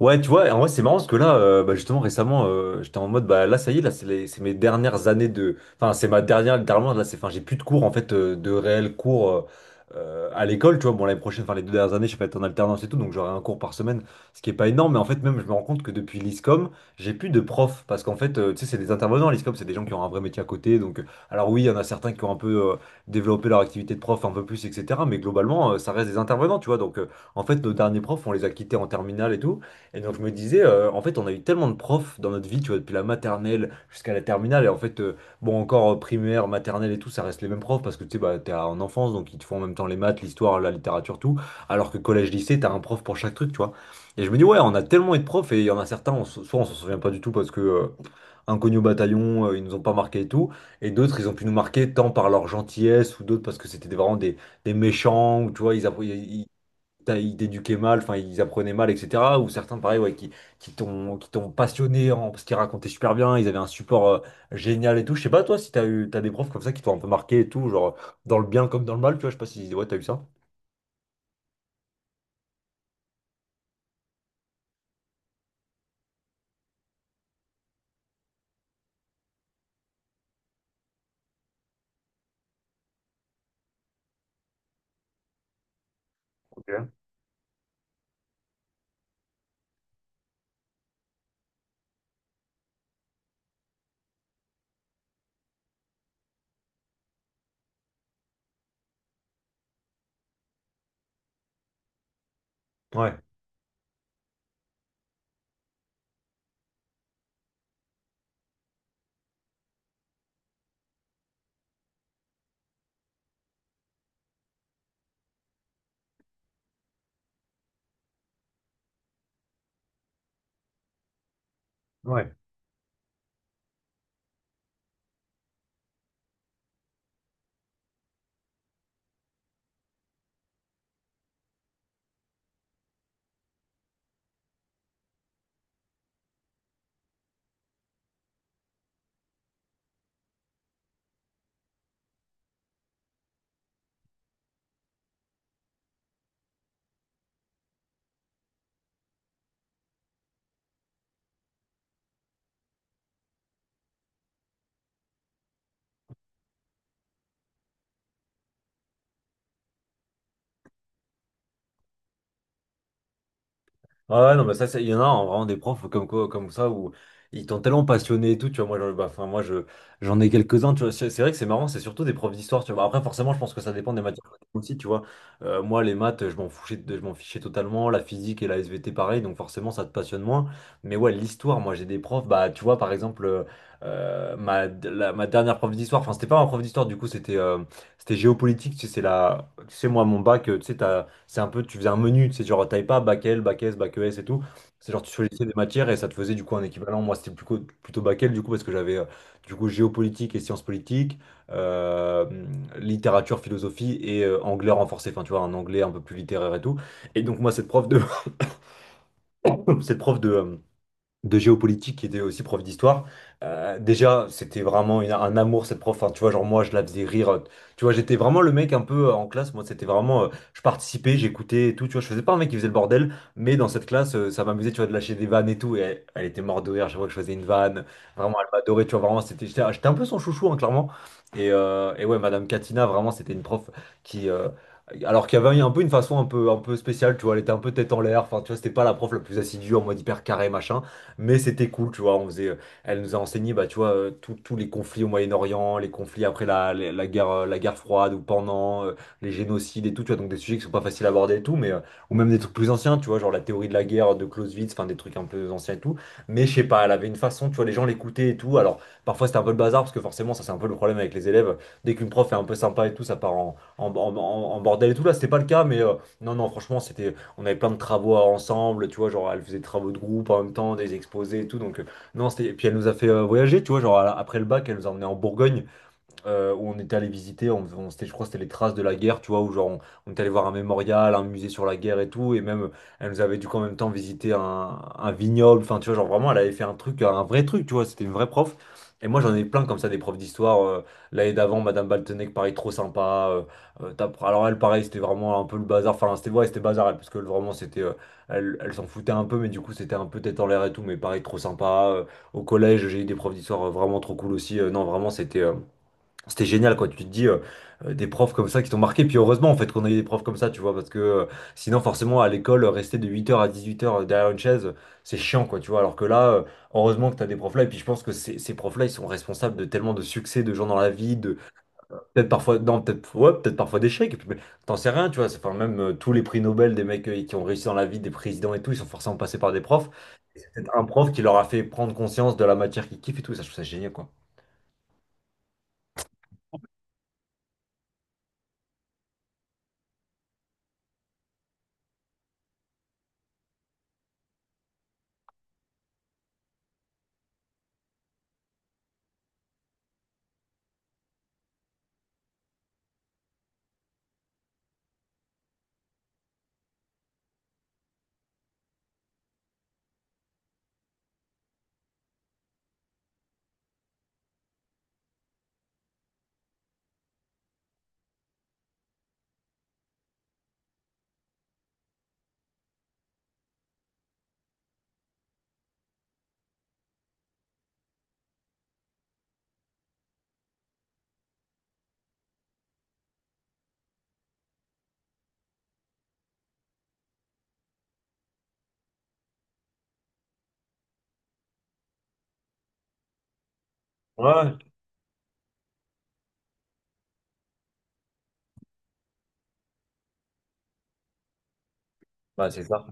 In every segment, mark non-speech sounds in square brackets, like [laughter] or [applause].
Ouais, tu vois, en vrai, c'est marrant parce que là, bah, justement, récemment, j'étais en mode, bah là, ça y est, là, c'est mes dernières années de. Enfin, c'est ma dernière, littéralement, là, c'est. Enfin, j'ai plus de cours, en fait, de réels cours à l'école, tu vois. Bon, l'année prochaine, enfin, les deux dernières années, je vais être en alternance et tout, donc j'aurai un cours par semaine, ce qui est pas énorme, mais en fait, même, je me rends compte que depuis l'ISCOM, j'ai plus de profs parce qu'en fait, tu sais, c'est des intervenants, l'ISCOM, c'est des gens qui ont un vrai métier à côté, donc. Alors, oui, il y en a certains qui ont un peu développé leur activité de prof un peu plus, etc., mais globalement, ça reste des intervenants, tu vois. Donc, en fait, nos derniers profs, on les a quittés en terminale et tout. Et donc je me disais, en fait, on a eu tellement de profs dans notre vie, tu vois, depuis la maternelle jusqu'à la terminale. Et en fait, bon, encore primaire, maternelle et tout, ça reste les mêmes profs parce que tu sais, bah, t'es en enfance, donc ils te font en même temps les maths, l'histoire, la littérature, tout. Alors que collège, lycée, t'as un prof pour chaque truc, tu vois. Et je me dis, ouais, on a tellement eu de profs et il y en a certains, soit on s'en souvient pas du tout parce que, inconnus au bataillon, ils nous ont pas marqué et tout. Et d'autres, ils ont pu nous marquer tant par leur gentillesse ou d'autres parce que vraiment des méchants, ou tu vois, ils, ils t'éduquaient mal, enfin ils apprenaient mal, etc. Ou certains, pareil, ouais, qui t'ont passionné, parce qu'ils racontaient super bien, ils avaient un support génial et tout. Je sais pas, toi, si t'as des profs comme ça qui t'ont un peu marqué et tout, genre dans le bien comme dans le mal, tu vois, je sais pas si ouais, t'as eu ça. Ok. Ouais, ouais. Ah ouais, non, mais il y en a hein, vraiment des profs comme quoi, comme ça où ils t'ont tellement passionné et tout, tu vois. Bah, enfin, j'en ai quelques-uns, tu vois. C'est vrai que c'est marrant, c'est surtout des profs d'histoire, tu vois. Après, forcément, je pense que ça dépend des matières aussi, tu vois. Moi, les maths, je m'en fichais totalement. La physique et la SVT, pareil, donc forcément, ça te passionne moins. Mais ouais, l'histoire, moi, j'ai des profs, bah, tu vois, par exemple, ma dernière prof d'histoire, enfin, c'était pas ma prof d'histoire, du coup, c'était géopolitique, tu sais, c'est la, tu sais, moi, mon bac, tu sais, t'as. C'est un peu, tu faisais un menu, c'est genre, t'avais pas bac L, bac S, bac ES et tout. C'est genre, tu choisissais des matières et ça te faisait du coup un équivalent. Moi, c'était plutôt, plutôt bac L, du coup, parce que j'avais du coup géopolitique et sciences politiques, euh, littérature, philosophie et anglais renforcé. Enfin, tu vois, un anglais un peu plus littéraire et tout. Et donc, moi, cette prof de, [laughs] cette prof de, euh, de géopolitique qui était aussi prof d'histoire. Déjà, c'était vraiment un amour cette prof. Enfin, tu vois, genre moi, je la faisais rire. Tu vois, j'étais vraiment le mec un peu en classe. Moi, c'était vraiment, je participais, j'écoutais et tout. Tu vois, je faisais pas un mec qui faisait le bordel, mais dans cette classe, ça m'amusait, tu vois, de lâcher des vannes et tout. Et elle, elle était morte de rire chaque fois que je faisais une vanne. Vraiment, elle m'adorait. Tu vois, vraiment, c'était, j'étais un peu son chouchou, hein, clairement. Et ouais, Madame Katina, vraiment, c'était une prof qui, alors qu'il y avait un peu une façon un peu spéciale, tu vois, elle était un peu tête en l'air, enfin, tu vois, c'était pas la prof la plus assidue en mode hyper carré, machin. Mais c'était cool, tu vois. Elle nous a enseigné, bah, tu vois, tous les conflits au Moyen-Orient, les conflits après la guerre, la guerre froide ou pendant, les génocides et tout, tu vois. Donc des sujets qui sont pas faciles à aborder et tout, mais ou même des trucs plus anciens, tu vois, genre la théorie de la guerre de Clausewitz, enfin des trucs un peu anciens et tout. Mais je sais pas, elle avait une façon, tu vois, les gens l'écoutaient et tout. Alors parfois c'était un peu le bazar parce que forcément, ça c'est un peu le problème avec les élèves. Dès qu'une prof est un peu sympa et tout, ça part en bordel et tout. Là, c'était pas le cas, mais non, non, franchement, c'était on avait plein de travaux ensemble, tu vois, genre elle faisait des travaux de groupe en même temps, des exposés et tout. Non, c'était. Et puis elle nous a fait voyager, tu vois, genre après le bac, elle nous a emmenés en Bourgogne, où on était allé visiter, c'était, je crois que c'était les traces de la guerre, tu vois, où genre on était allé voir un mémorial, un musée sur la guerre et tout, et même elle nous avait dû en même temps visiter un vignoble, enfin tu vois, genre vraiment elle avait fait un truc, un vrai truc, tu vois, c'était une vraie prof. Et moi j'en ai plein comme ça des profs d'histoire. L'année d'avant, Madame Baltenec, pareil, trop sympa. Alors elle, pareil, c'était vraiment un peu le bazar. Enfin, c'était ouais, c'était bazar, elle, parce que vraiment c'était, elle, elle s'en foutait un peu, mais du coup c'était un peu tête en l'air et tout, mais pareil, trop sympa. Au collège, j'ai eu des profs d'histoire vraiment trop cool aussi. Non, vraiment c'était, c'était génial, quoi. Tu te dis, des profs comme ça qui t'ont marqué. Puis heureusement, en fait, qu'on a eu des profs comme ça, tu vois, parce que sinon, forcément, à l'école, rester de 8 heures à 18 heures derrière une chaise, c'est chiant, quoi, tu vois. Alors que là, heureusement que t'as des profs là. Et puis, je pense que ces profs-là, ils sont responsables de tellement de succès de gens dans la vie, de peut-être parfois, non, peut-être, ouais, peut-être parfois d'échecs. Et puis, mais t'en sais rien, tu vois. C'est- Enfin, même tous les prix Nobel des mecs qui ont réussi dans la vie, des présidents et tout, ils sont forcément passés par des profs. C'est un prof qui leur a fait prendre conscience de la matière qu'ils kiffent et tout. Ça, je trouve ça génial, quoi. Ouais, bah, c'est ça.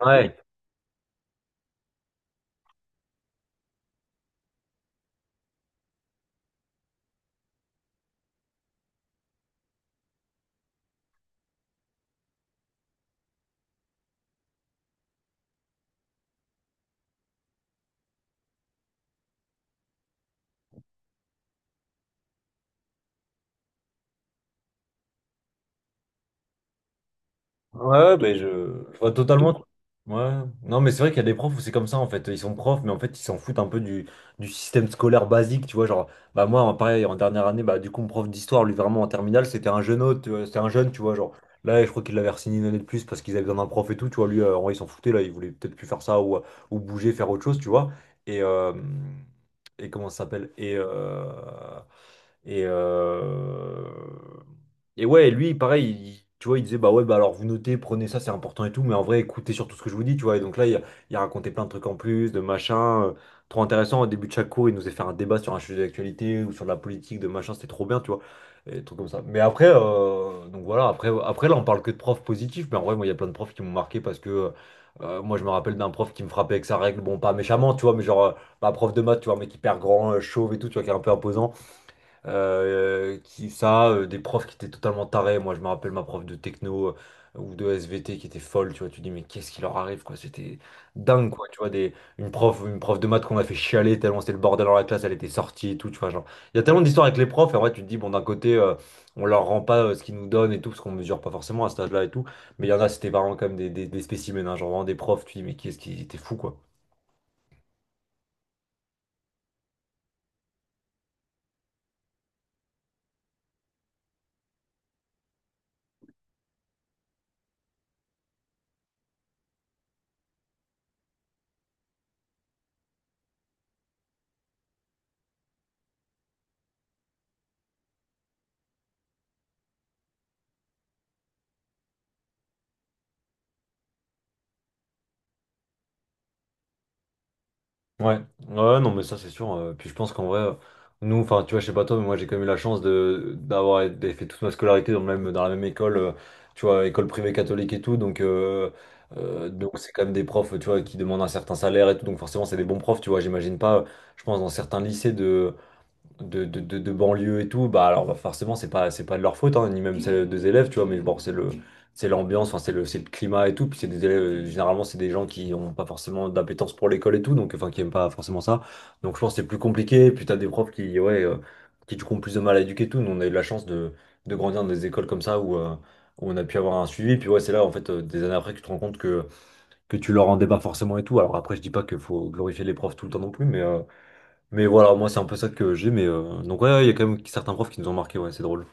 Ouais. Ouais, mais je vois totalement. Ouais. Non, mais c'est vrai qu'il y a des profs où c'est comme ça, en fait. Ils sont profs, mais en fait, ils s'en foutent un peu du système scolaire basique, tu vois. Genre, bah, moi, pareil, en dernière année, bah, du coup, mon prof d'histoire, lui, vraiment, en terminale, c'était un jeune autre, tu vois, c'était un jeune, tu vois. Genre, là, je crois qu'il l'avait re-signé une année de plus parce qu'ils avaient besoin d'un prof et tout, tu vois. Lui, en vrai, il s'en foutait, là, il voulait peut-être plus faire ça ou bouger, faire autre chose, tu vois. Et, euh, et comment ça s'appelle? Et, euh, et ouais, lui, pareil, tu vois, il disait, bah ouais, bah alors vous notez, prenez ça, c'est important et tout, mais en vrai, écoutez surtout ce que je vous dis, tu vois. Et donc là, il a raconté plein de trucs en plus, de machin, trop intéressant. Au début de chaque cours, il nous faisait faire un débat sur un sujet d'actualité ou sur la politique, de machin, c'était trop bien, tu vois. Et des trucs comme ça. Mais après, donc voilà, après, après là, on parle que de profs positifs, mais en vrai, moi, il y a plein de profs qui m'ont marqué parce que. Moi, je me rappelle d'un prof qui me frappait avec sa règle, bon, pas méchamment, tu vois, mais genre, pas prof de maths, tu vois, mais hyper grand, chauve et tout, tu vois, qui est un peu imposant, des profs qui étaient totalement tarés. Moi, je me rappelle ma prof de techno ou de SVT qui était folle, tu vois. Tu dis, mais qu'est-ce qui leur arrive, quoi? C'était dingue, quoi. Tu vois, une prof de maths qu'on a fait chialer tellement c'était le bordel dans la classe, elle était sortie et tout, tu vois. Genre, il y a tellement d'histoires avec les profs, et en vrai, tu te dis, bon, d'un côté, on leur rend pas ce qu'ils nous donnent et tout, parce qu'on mesure pas forcément à cet âge-là et tout. Mais il y en a, c'était vraiment comme des spécimens, hein, genre vraiment des profs, tu dis, mais qu'est-ce qui était fou, quoi. Ouais, ouais, non, mais ça c'est sûr. Puis je pense qu'en vrai, nous, enfin, tu vois, je sais pas toi, mais moi j'ai quand même eu la chance de d'avoir été- fait toute ma scolarité dans la même école, tu vois, école privée catholique et tout. Donc, c'est quand même des profs, tu vois, qui demandent un certain salaire et tout. Donc forcément, c'est des bons profs, tu vois. J'imagine pas, je pense, dans certains lycées de banlieue et tout, bah alors, forcément c'est pas de leur faute hein, ni même celle des élèves, tu vois, mais bon c'est l'ambiance, enfin c'est le climat et tout, puis c'est des élèves généralement c'est des gens qui ont pas forcément d'appétence pour l'école et tout, donc enfin qui aiment pas forcément ça. Donc je pense que c'est plus compliqué, puis t'as des profs qui du coup ont plus de mal à éduquer et tout. Nous on a eu la chance de grandir dans des écoles comme ça, où on a pu avoir un suivi, puis ouais, c'est là en fait des années après que tu te rends compte que tu leur rendais pas forcément et tout. Alors après, je dis pas qu'il faut glorifier les profs tout le temps non plus, mais voilà, moi c'est un peu ça que j'ai, mais donc ouais, ouais, il y a quand même certains profs qui nous ont marqué, ouais, c'est drôle.